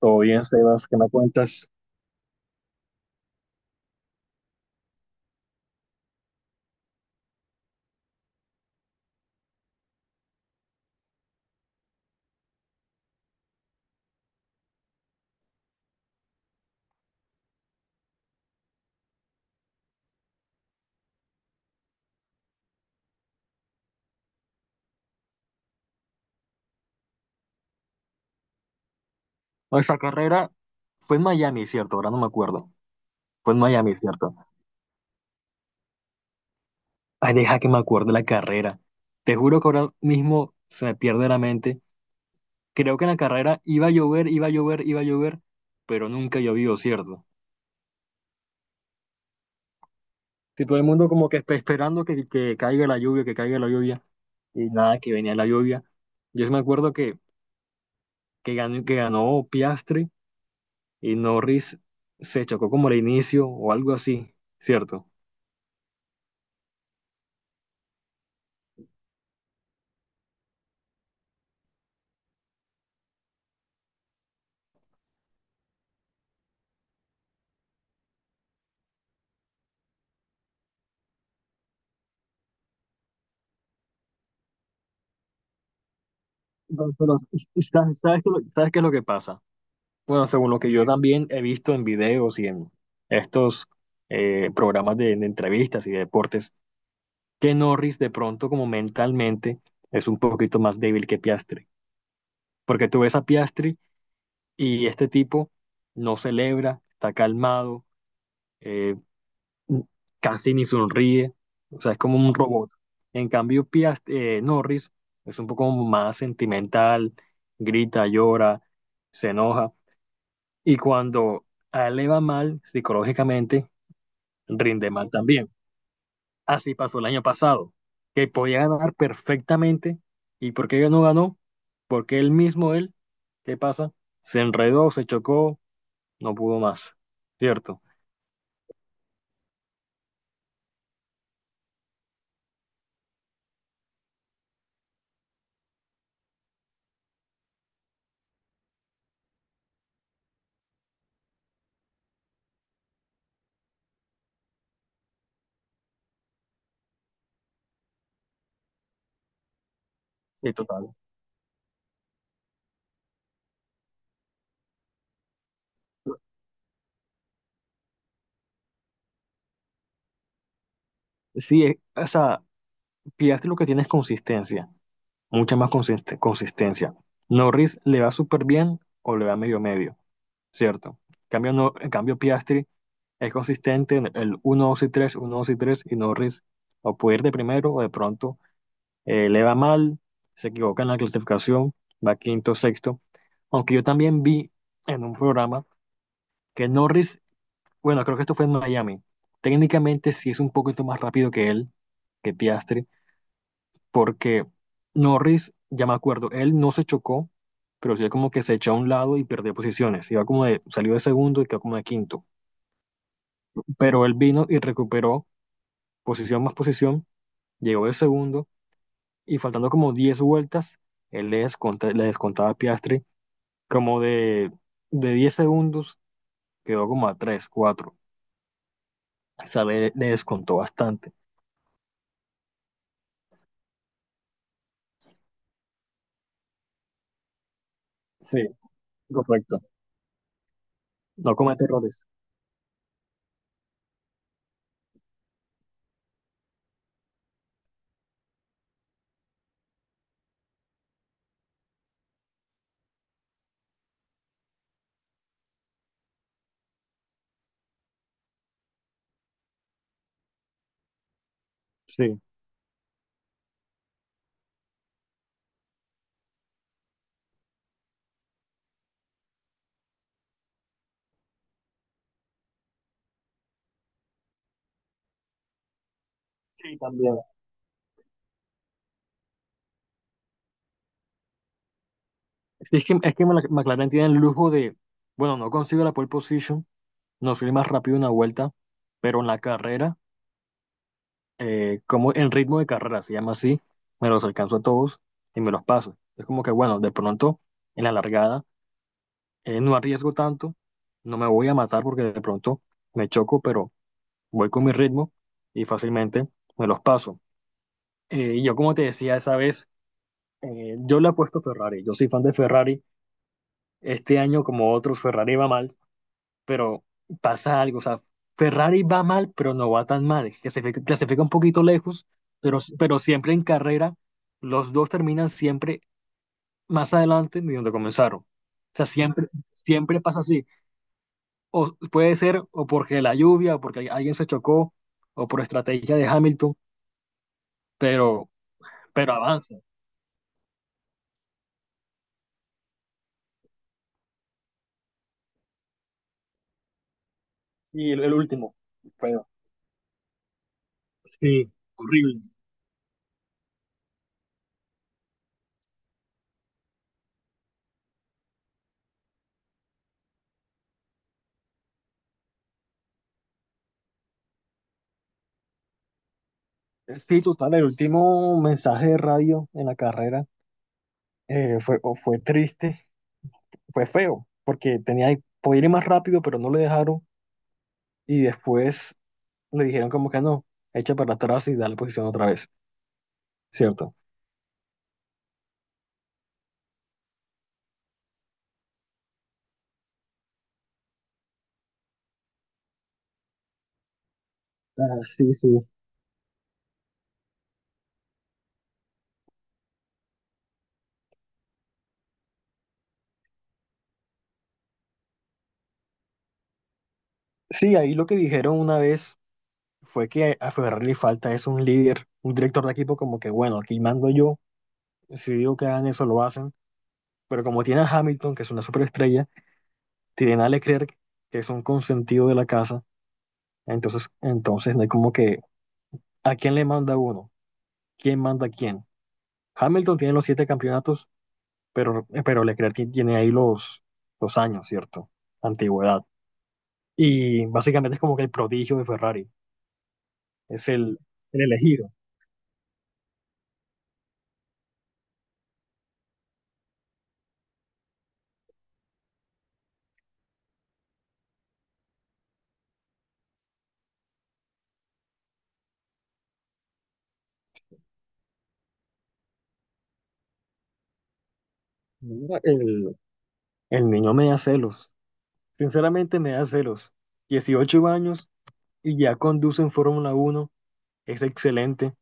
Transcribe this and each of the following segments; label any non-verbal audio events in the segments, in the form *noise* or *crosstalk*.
Todo bien, Sebas, ¿qué me cuentas? Nuestra carrera fue en Miami, ¿cierto? Ahora no me acuerdo. Fue en Miami, ¿cierto? Ay, deja que me acuerde la carrera. Te juro que ahora mismo se me pierde la mente. Creo que en la carrera iba a llover, iba a llover, iba a llover, pero nunca llovió, ¿cierto? Y todo el mundo como que esperando que caiga la lluvia, que caiga la lluvia, y nada, que venía la lluvia. Yo sí me acuerdo que ganó Piastri, y Norris se chocó como al inicio o algo así, ¿cierto? No, pero ¿sabes qué es lo que pasa? Bueno, según lo que yo también he visto en videos y en estos programas de entrevistas y de deportes, que Norris de pronto como mentalmente es un poquito más débil que Piastri. Porque tú ves a Piastri y este tipo no celebra, está calmado, eh, casi ni sonríe, o sea, es como un robot. En cambio, Piast Norris es un poco más sentimental, grita, llora, se enoja. Y cuando a él le va mal psicológicamente, rinde mal también. Así pasó el año pasado, que podía ganar perfectamente. ¿Y por qué no ganó? Porque él mismo, él, ¿qué pasa? Se enredó, se chocó, no pudo más. ¿Cierto? Sí, total. Sí, o sea, Piastri lo que tiene es consistencia, mucha más consistencia. Norris le va súper bien o le va medio medio. Cierto. En cambio, no, en cambio Piastri es consistente en el uno 2 y tres uno dos y tres, y Norris o puede ir de primero o de pronto le va mal, se equivoca en la clasificación, va quinto, sexto. Aunque yo también vi en un programa que Norris, bueno, creo que esto fue en Miami, técnicamente sí es un poquito más rápido que él, que Piastri, porque Norris, ya me acuerdo, él no se chocó, pero sí como que se echó a un lado y perdió posiciones. Salió de segundo y quedó como de quinto, pero él vino y recuperó posición más posición, llegó de segundo, y faltando como 10 vueltas, él le descontaba a Piastri como de 10 segundos, quedó como a tres, cuatro. O sea, le descontó bastante. Sí, correcto. No comete errores. Sí. Sí, también. Sí, es que McLaren tiene el lujo de, bueno, no consigo la pole position, no soy el más rápido en una vuelta, pero en la carrera, como en ritmo de carrera, se llama así, me los alcanzo a todos y me los paso. Es como que, bueno, de pronto en la largada no arriesgo tanto, no me voy a matar porque de pronto me choco, pero voy con mi ritmo y fácilmente me los paso. Y yo, como te decía esa vez, yo le apuesto a Ferrari, yo soy fan de Ferrari. Este año, como otros, Ferrari va mal, pero pasa algo, o sea, Ferrari va mal, pero no va tan mal, clasifica un poquito lejos, pero siempre en carrera, los dos terminan siempre más adelante de donde comenzaron. O sea, siempre, siempre pasa así. O puede ser o porque la lluvia, o porque alguien se chocó, o por estrategia de Hamilton, pero, pero avanza. Y el último, feo. Sí, horrible. Sí, total, el último mensaje de radio en la carrera, fue, o fue triste, fue feo, porque tenía, podía ir más rápido, pero no le dejaron, y después le dijeron como que no, echa para atrás y da la posición otra vez, ¿cierto? Ah, sí, sí. Sí, ahí lo que dijeron una vez fue que a Ferrari le falta es un líder, un director de equipo como que, bueno, aquí mando yo, si digo que hagan eso, lo hacen, pero como tiene a Hamilton, que es una superestrella, tienen a Leclerc, que es un consentido de la casa, entonces no hay como que, ¿a quién le manda uno? ¿Quién manda a quién? Hamilton tiene los siete campeonatos, pero Leclerc tiene ahí los años, ¿cierto? Antigüedad. Y básicamente es como que el prodigio de Ferrari, es el elegido. Mira, el niño me da celos, sinceramente me da celos. 18 años y ya conduce en Fórmula Uno, es excelente.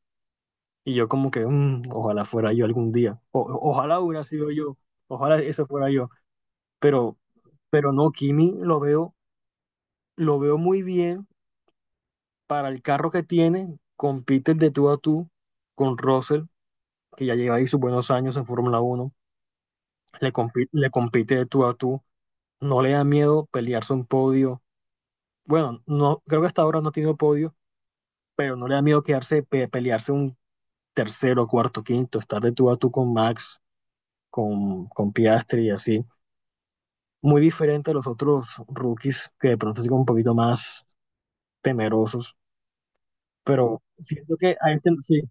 Y yo como que, "Ojalá fuera yo algún día, ojalá hubiera sido yo, ojalá eso fuera yo, pero, pero no, Kimi lo veo muy bien para el carro que tiene, compite de tú a tú con Russell, que ya lleva ahí sus buenos años en Fórmula Uno. Le compite de tú a tú, no le da miedo pelearse un podio. Bueno, no, creo que hasta ahora no ha tenido podio, pero no le da miedo pelearse un tercero, cuarto, quinto, estar de tú a tú con Max, con Piastri y así. Muy diferente a los otros rookies que de pronto son un poquito más temerosos, pero siento que a este sí.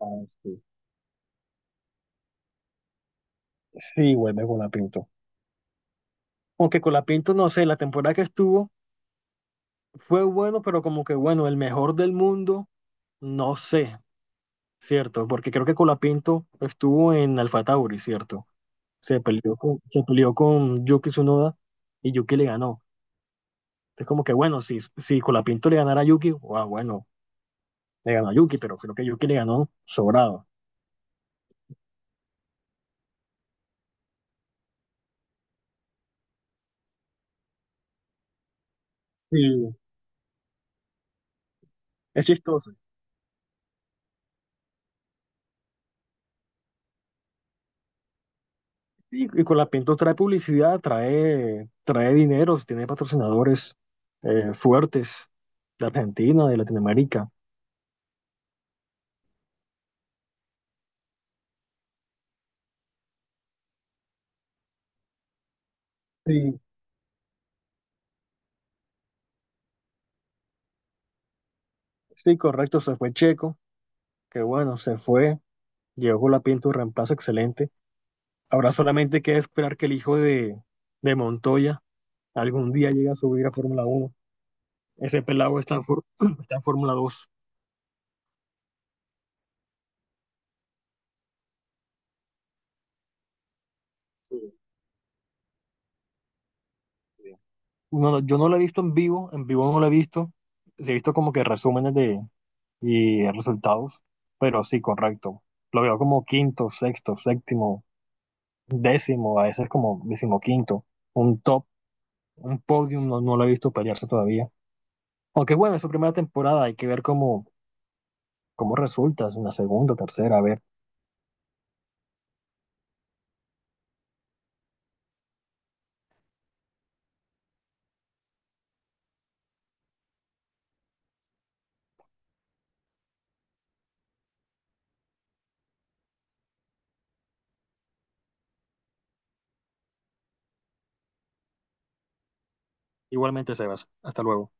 Ah, sí, sí, vuelve con la pinta. Aunque Colapinto, no sé, la temporada que estuvo fue bueno, pero como que bueno, el mejor del mundo, no sé, ¿cierto? Porque creo que Colapinto estuvo en Alfa Tauri, ¿cierto? Se peleó con Yuki Tsunoda y Yuki le ganó. Entonces como que bueno, si Colapinto le ganara a Yuki, ah, bueno, le ganó a Yuki, pero creo que Yuki le ganó sobrado. Sí, es chistoso. Y con la Pinto trae publicidad, trae dinero, tiene patrocinadores fuertes, de Argentina, de Latinoamérica. Sí, sí, correcto, se fue Checo, que bueno, se fue, llegó con la Pinto, un reemplazo excelente. Ahora solamente queda esperar que el hijo de Montoya algún día llegue a subir a Fórmula Uno. Ese pelado *clears throat* está en Fórmula 2. No, no, yo no lo he visto en vivo no lo he visto. Sí, he visto como que resúmenes y resultados, pero sí, correcto. Lo veo como quinto, sexto, séptimo, décimo, a veces como decimoquinto, un top, un podium, no, no lo he visto pelearse todavía. Aunque bueno, es su primera temporada, hay que ver cómo resulta en la segunda, tercera, a ver. Igualmente, Sebas, hasta luego.